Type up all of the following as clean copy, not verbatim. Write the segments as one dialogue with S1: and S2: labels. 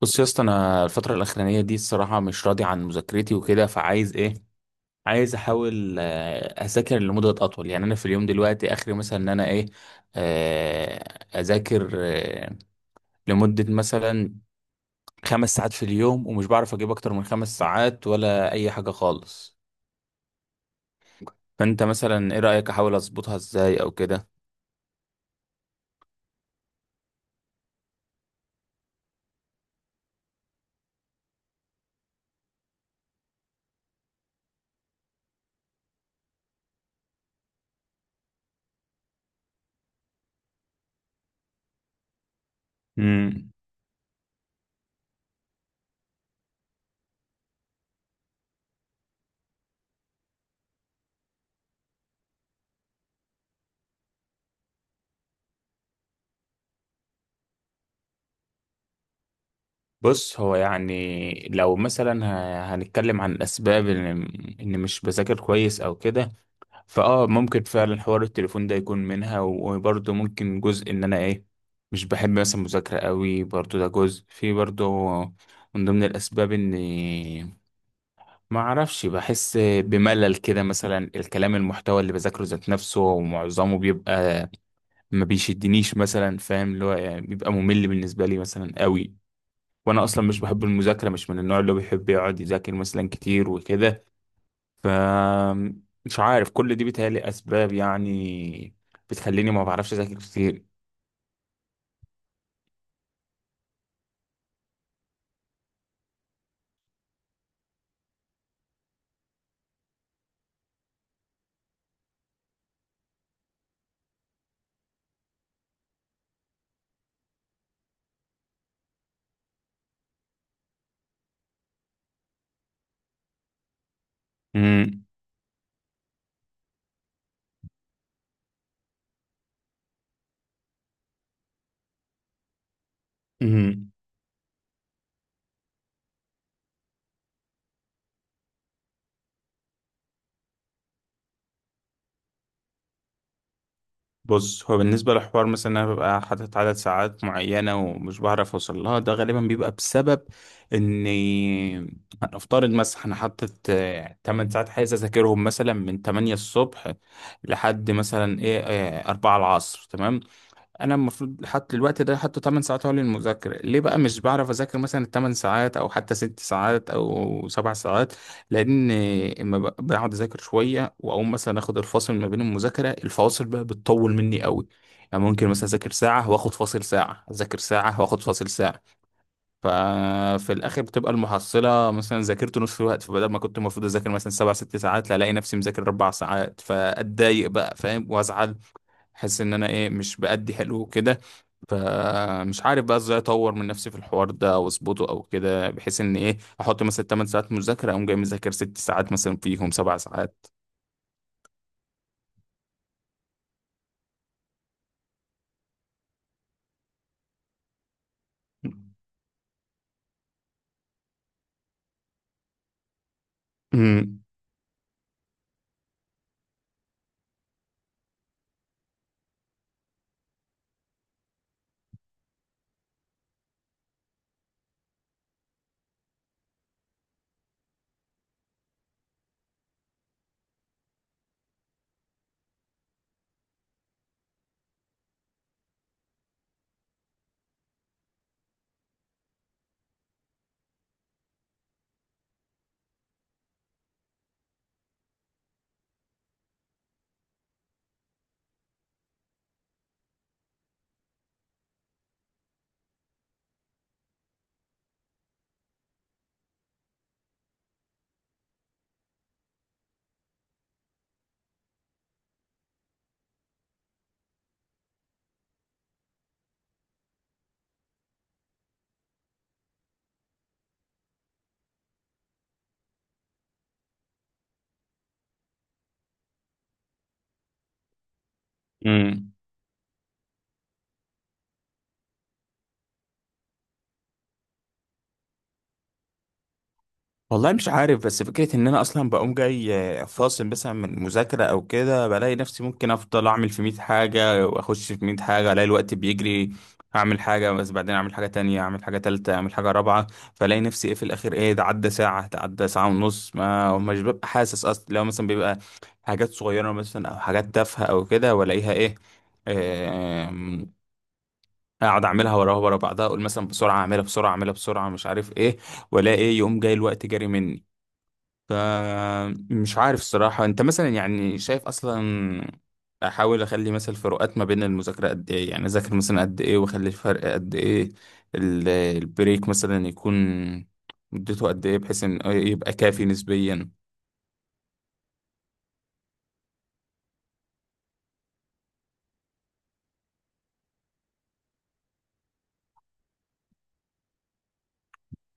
S1: بص يا اسطى، انا الفتره الاخرانيه دي الصراحه مش راضي عن مذاكرتي وكده، فعايز ايه؟ عايز احاول، اذاكر لمده اطول. يعني انا في اليوم دلوقتي اخري، مثلا ان انا ايه، آه، اذاكر لمده مثلا خمس ساعات في اليوم، ومش بعرف اجيب اكتر من خمس ساعات ولا اي حاجه خالص. فانت مثلا ايه رايك؟ احاول اظبطها ازاي او كده؟ امم. بص، هو يعني لو مثلا هنتكلم عن الاسباب إن مش بذاكر كويس او كده، فاه ممكن فعلا حوار التليفون ده يكون منها، وبرضه ممكن جزء ان انا ايه، مش بحب مثلا مذاكرة قوي، برضه ده جزء في، برضه من ضمن الاسباب. اني ما اعرفش، بحس بملل كده مثلا، الكلام المحتوى اللي بذاكره ذات نفسه ومعظمه بيبقى ما بيشدنيش مثلا، فاهم، اللي هو يعني بيبقى ممل بالنسبة لي مثلا قوي. وانا اصلا مش بحب المذاكرة، مش من النوع اللي هو بيحب يقعد يذاكر مثلا كتير وكده. ف مش عارف، كل دي بيتهيألي أسباب يعني بتخليني ما بعرفش أذاكر كتير. امم، امم. بص، هو بالنسبة لحوار مثلا إن أنا ببقى حاطط عدد ساعات معينة ومش بعرف أوصل لها، ده غالبا بيبقى بسبب إني، هنفترض مثلا أنا حاطط 8 ساعات عايز أذاكرهم، مثلا من 8 الصبح لحد مثلا إيه، 4 العصر، تمام. انا المفروض حط الوقت ده، حطه 8 ساعات هو للمذاكره، ليه بقى مش بعرف اذاكر مثلا 8 ساعات، او حتى 6 ساعات او 7 ساعات؟ لان اما بقعد اذاكر شويه واقوم مثلا اخد الفاصل، ما بين المذاكره الفواصل بقى بتطول مني قوي. يعني ممكن مثلا اذاكر ساعه واخد فاصل ساعه، اذاكر ساعه واخد فاصل ساعه. ففي الاخر بتبقى المحصله مثلا ذاكرت نص الوقت، فبدل ما كنت المفروض اذاكر مثلا سبع ست ساعات، لا الاقي نفسي مذاكر اربع ساعات، فاتضايق بقى، فاهم، وازعل. احس ان انا ايه، مش بأدي حلو كده. فمش عارف بقى ازاي اطور من نفسي في الحوار ده واظبطه او كده، بحيث ان ايه، احط مثلا 8 ساعات مذاكره، اقوم جاي مذاكر 6 ساعات مثلا، فيهم 7 ساعات. امم. والله مش عارف، بس فكرة ان انا اصلا بقوم جاي فاصل مثلا من المذاكرة او كده، بلاقي نفسي ممكن افضل اعمل في 100 حاجة واخش في 100 حاجة، الاقي الوقت بيجري. اعمل حاجة، بس بعدين اعمل حاجة تانية، اعمل حاجة تالتة، اعمل حاجة رابعة، فلاقي نفسي ايه في الاخر، ايه ده، عدى ساعة، ده عدى ساعة ونص، ما مش ببقى حاسس اصلا. لو مثلا بيبقى حاجات صغيرة مثلا او حاجات تافهة او كده، والاقيها ايه، آم، اقعد اعملها وراها ورا بعضها، اقول مثلا بسرعه اعملها بسرعه اعملها بسرعه، مش عارف ايه ولا ايه، يقوم جاي الوقت جاري مني. فمش عارف الصراحة، انت مثلا يعني شايف اصلا احاول اخلي مثلا فروقات ما بين المذاكرة قد ايه، يعني اذاكر مثلا قد ايه واخلي الفرق قد ايه؟ البريك مثلا يكون مدته قد ايه، بحيث ان يبقى كافي نسبيا؟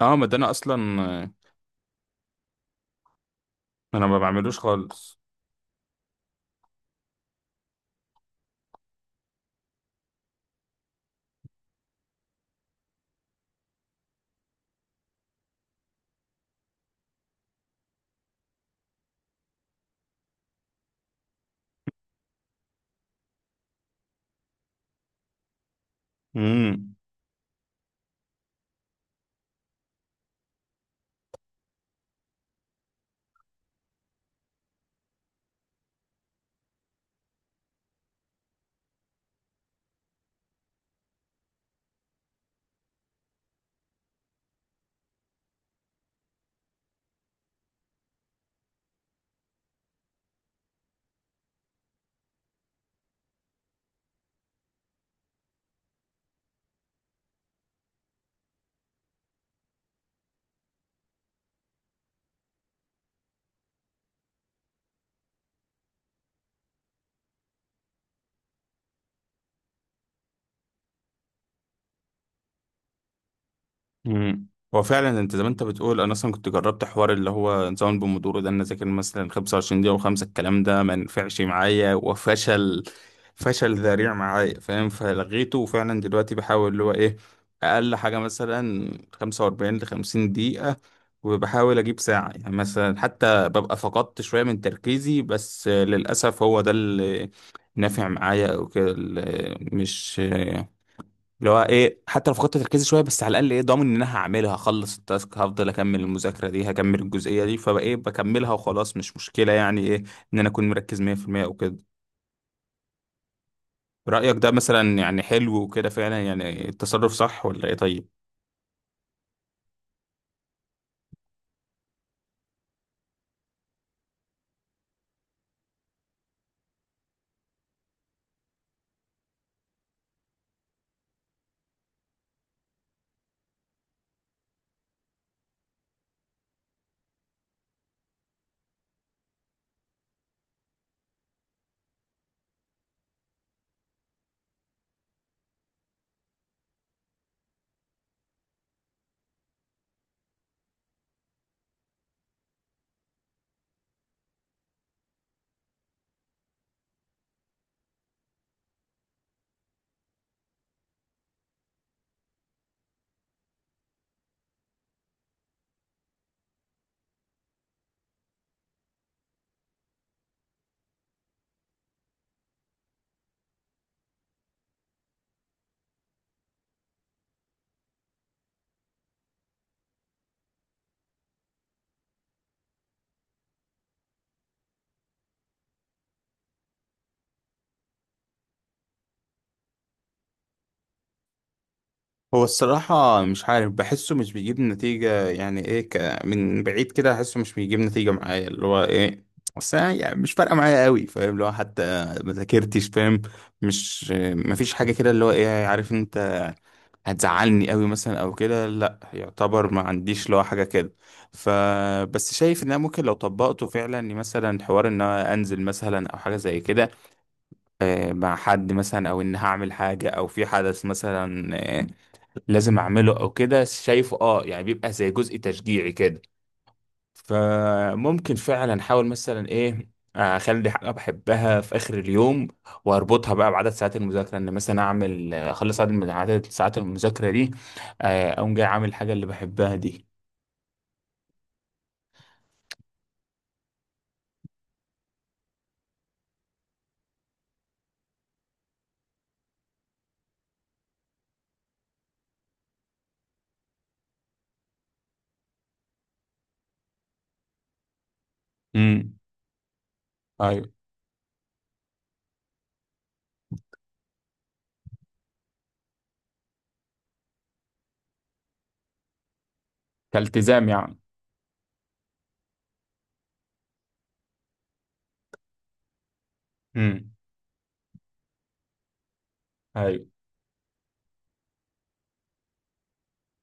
S1: اه، ما ده انا اصلا، انا ما بعملوش خالص. مم. مم. هو فعلا انت زي ما انت بتقول، انا اصلا كنت جربت حوار اللي هو نظام البومودورو ده، ان أنا اذاكر مثلا 25 دقيقه وخمسه، الكلام ده ما نفعش معايا، وفشل فشل ذريع معايا، فاهم، فلغيته. وفعلا دلوقتي بحاول اللي هو ايه، اقل حاجه مثلا 45 ل 50 دقيقه، وبحاول اجيب ساعه، يعني مثلا حتى ببقى فقدت شويه من تركيزي، بس للاسف هو ده اللي نافع معايا او كده، اللي مش اللي هو ايه، حتى لو فقدت تركيزي شويه، بس على الاقل ايه، ضامن ان انا هعملها، هخلص التاسك، هفضل اكمل المذاكره دي، هكمل الجزئيه دي، فبقى ايه بكملها وخلاص. مش مشكله يعني ايه، ان انا اكون مركز 100% او كده. رايك ده مثلا يعني حلو وكده؟ فعلا يعني التصرف صح ولا ايه؟ طيب. هو الصراحة مش عارف، بحسه مش بيجيب نتيجة يعني ايه، من بعيد كده احسه مش بيجيب نتيجة معايا اللي هو ايه. بس أنا يعني مش فارقة معايا قوي، فاهم، اللي هو حتى ما ذاكرتش، فاهم، مش، مفيش حاجة كده اللي هو ايه، عارف انت هتزعلني قوي مثلا او كده، لا، يعتبر ما عنديش لو حاجه كده. فبس شايف ان انا ممكن لو طبقته فعلا، إني مثلا حوار ان انا انزل مثلا او حاجه زي كده مع حد مثلا، او ان هعمل حاجه او في حدث مثلا آه، لازم اعمله او كده، شايفه اه، يعني بيبقى زي جزء تشجيعي كده. فممكن فعلا احاول مثلا ايه، اخلي حاجه بحبها في اخر اليوم، واربطها بقى بعدد ساعات المذاكره، ان مثلا اعمل اخلص عدد من عدد ساعات المذاكره دي، اقوم جاي عامل الحاجه اللي بحبها دي. امم، ايوه، كالتزام يعني. امم.